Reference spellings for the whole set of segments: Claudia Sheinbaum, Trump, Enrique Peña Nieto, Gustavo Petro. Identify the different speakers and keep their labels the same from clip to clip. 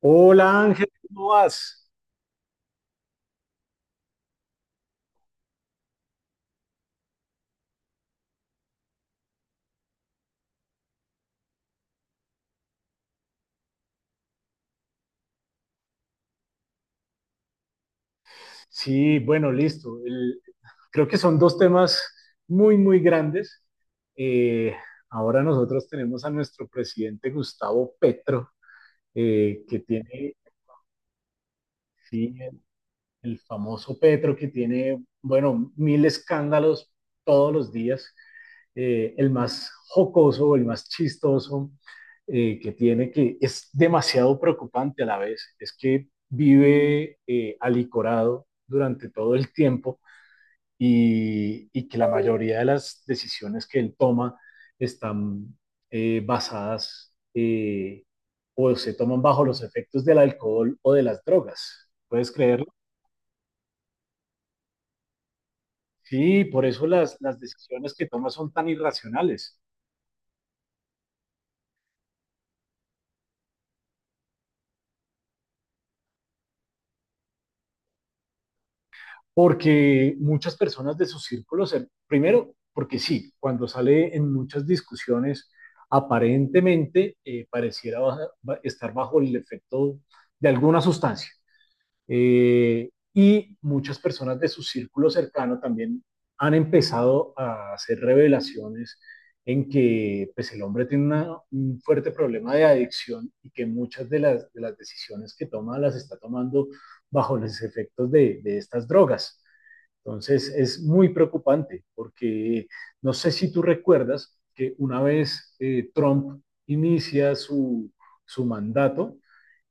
Speaker 1: Hola Ángel, ¿cómo vas? Sí, bueno, listo. Creo que son dos temas muy, muy grandes. Eh, Ahora nosotros tenemos a nuestro presidente Gustavo Petro, que tiene, sí, el famoso Petro que tiene, bueno, mil escándalos todos los días, el más jocoso, el más chistoso que tiene, que es demasiado preocupante a la vez, es que vive alicorado durante todo el tiempo y que la mayoría de las decisiones que él toma están basadas, o se toman bajo los efectos del alcohol o de las drogas. ¿Puedes creerlo? Sí, por eso las decisiones que toma son tan irracionales, porque muchas personas de su círculo, primero, porque sí, cuando sale en muchas discusiones, aparentemente pareciera estar bajo el efecto de alguna sustancia. Y muchas personas de su círculo cercano también han empezado a hacer revelaciones en que, pues, el hombre tiene un fuerte problema de adicción y que muchas de las decisiones que toma las está tomando bajo los efectos de estas drogas. Entonces es muy preocupante porque no sé si tú recuerdas que una vez, Trump inicia su mandato,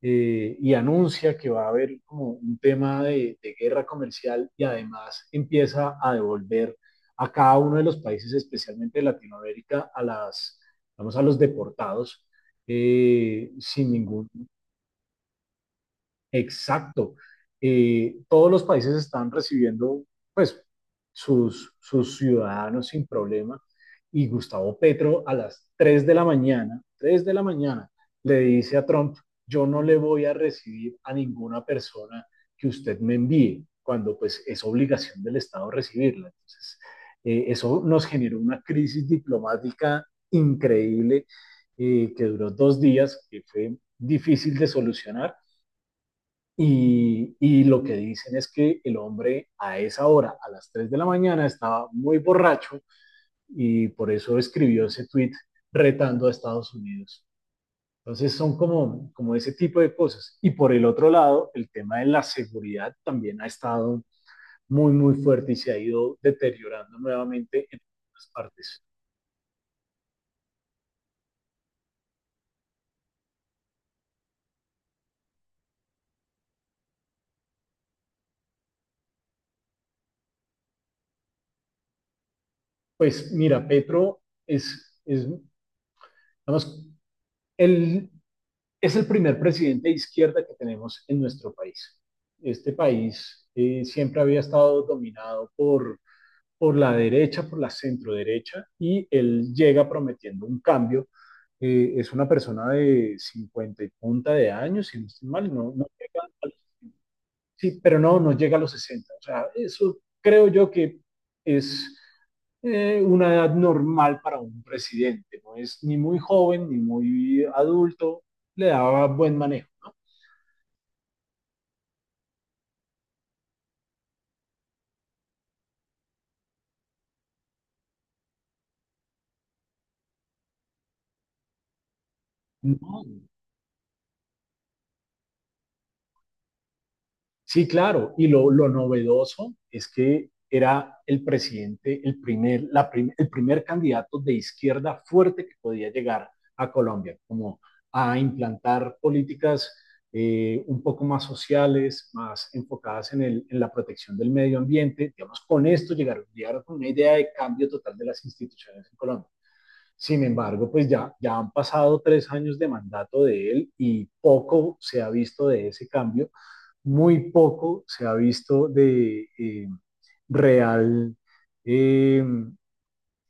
Speaker 1: y anuncia que va a haber como un tema de guerra comercial, y además empieza a devolver a cada uno de los países, especialmente de Latinoamérica, a las, vamos, a los deportados sin ningún... Exacto. Todos los países están recibiendo, pues, sus ciudadanos sin problema. Y Gustavo Petro, a las 3 de la mañana, 3 de la mañana, le dice a Trump: yo no le voy a recibir a ninguna persona que usted me envíe, cuando pues es obligación del Estado recibirla. Entonces, eso nos generó una crisis diplomática increíble, que duró dos días, que fue difícil de solucionar, y lo que dicen es que el hombre a esa hora, a las 3 de la mañana, estaba muy borracho y por eso escribió ese tweet retando a Estados Unidos. Entonces son como, como ese tipo de cosas. Y por el otro lado, el tema de la seguridad también ha estado muy, muy fuerte y se ha ido deteriorando nuevamente en algunas partes. Pues mira, Petro es, digamos, el es el primer presidente de izquierda que tenemos en nuestro país. Este país, siempre había estado dominado por la derecha, por la centroderecha, y él llega prometiendo un cambio. Es una persona de 50 y punta de años, si no estoy mal, no, no llega a... Sí, pero no, no llega a los 60. O sea, eso creo yo que es, una edad normal para un presidente. No es ni muy joven ni muy adulto, le daba buen manejo, ¿no? No. Sí, claro. Y lo novedoso es que era el presidente, el primer candidato de izquierda fuerte que podía llegar a Colombia, como a implantar políticas, un poco más sociales, más enfocadas en, en la protección del medio ambiente. Digamos, con esto llegaron, llegaron con una idea de cambio total de las instituciones en Colombia. Sin embargo, pues ya han pasado tres años de mandato de él y poco se ha visto de ese cambio. Muy poco se ha visto de real, eh,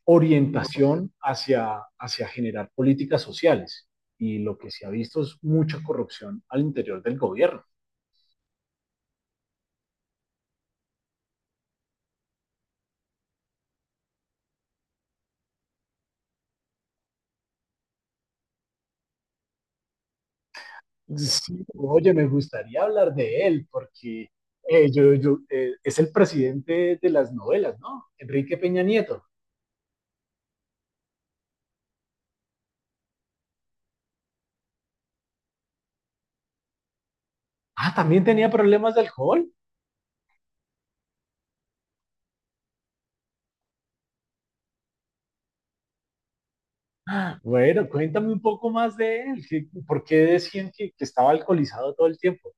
Speaker 1: orientación hacia generar políticas sociales. Y lo que se ha visto es mucha corrupción al interior del gobierno. Sí, oye, me gustaría hablar de él porque, es el presidente de las novelas, ¿no? Enrique Peña Nieto. Ah, también tenía problemas de alcohol. Ah, bueno, cuéntame un poco más de él. ¿Qué...? ¿Por qué decían que estaba alcoholizado todo el tiempo?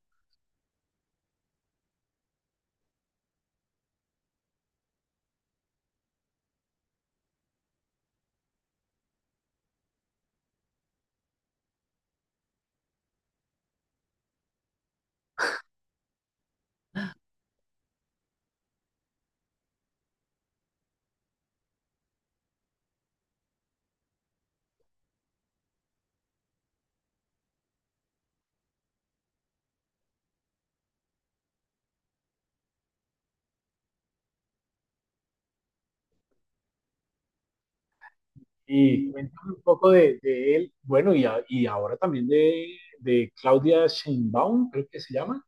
Speaker 1: Y cuéntame un poco de él, bueno, y, y ahora también de Claudia Sheinbaum, creo que se llama.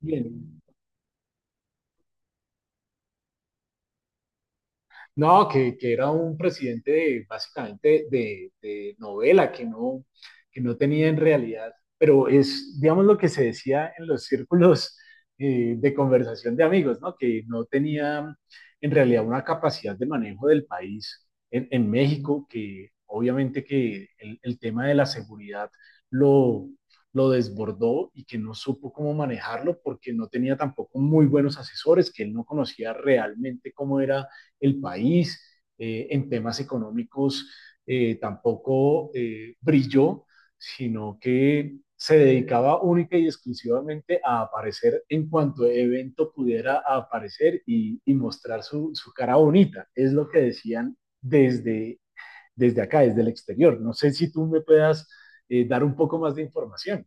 Speaker 1: Bien. No, que era un presidente de... básicamente de novela, que no tenía en realidad, pero es, digamos, lo que se decía en los círculos, de conversación de amigos, ¿no? Que no tenía en realidad una capacidad de manejo del país en México, que obviamente que el tema de la seguridad lo, lo desbordó, y que no supo cómo manejarlo porque no tenía tampoco muy buenos asesores, que él no conocía realmente cómo era el país, en temas económicos, tampoco brilló, sino que se dedicaba única y exclusivamente a aparecer en cuanto evento pudiera aparecer y mostrar su cara bonita. Es lo que decían desde, desde acá, desde el exterior. No sé si tú me puedas, dar un poco más de información.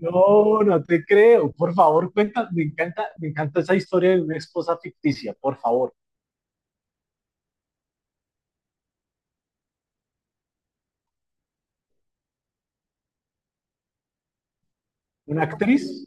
Speaker 1: No, no te creo. Por favor, cuenta. Me encanta esa historia de una esposa ficticia. Por favor, una actriz...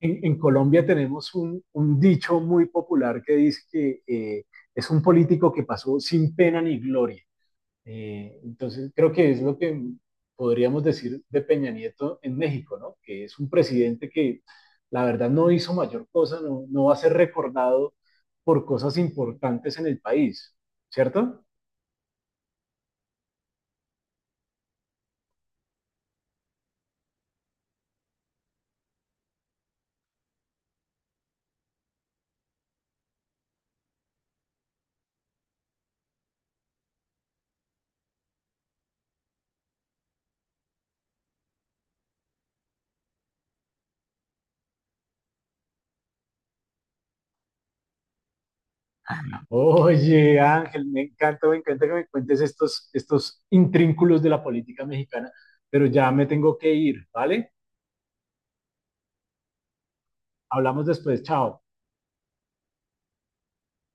Speaker 1: En Colombia tenemos un, dicho muy popular que dice que, es un político que pasó sin pena ni gloria. Entonces, creo que es lo que podríamos decir de Peña Nieto en México, ¿no? Que es un presidente que la verdad no hizo mayor cosa, no, no va a ser recordado por cosas importantes en el país, ¿cierto? Oye, Ángel, me encanta que me cuentes estos, estos intrínculos de la política mexicana, pero ya me tengo que ir, ¿vale? Hablamos después, chao.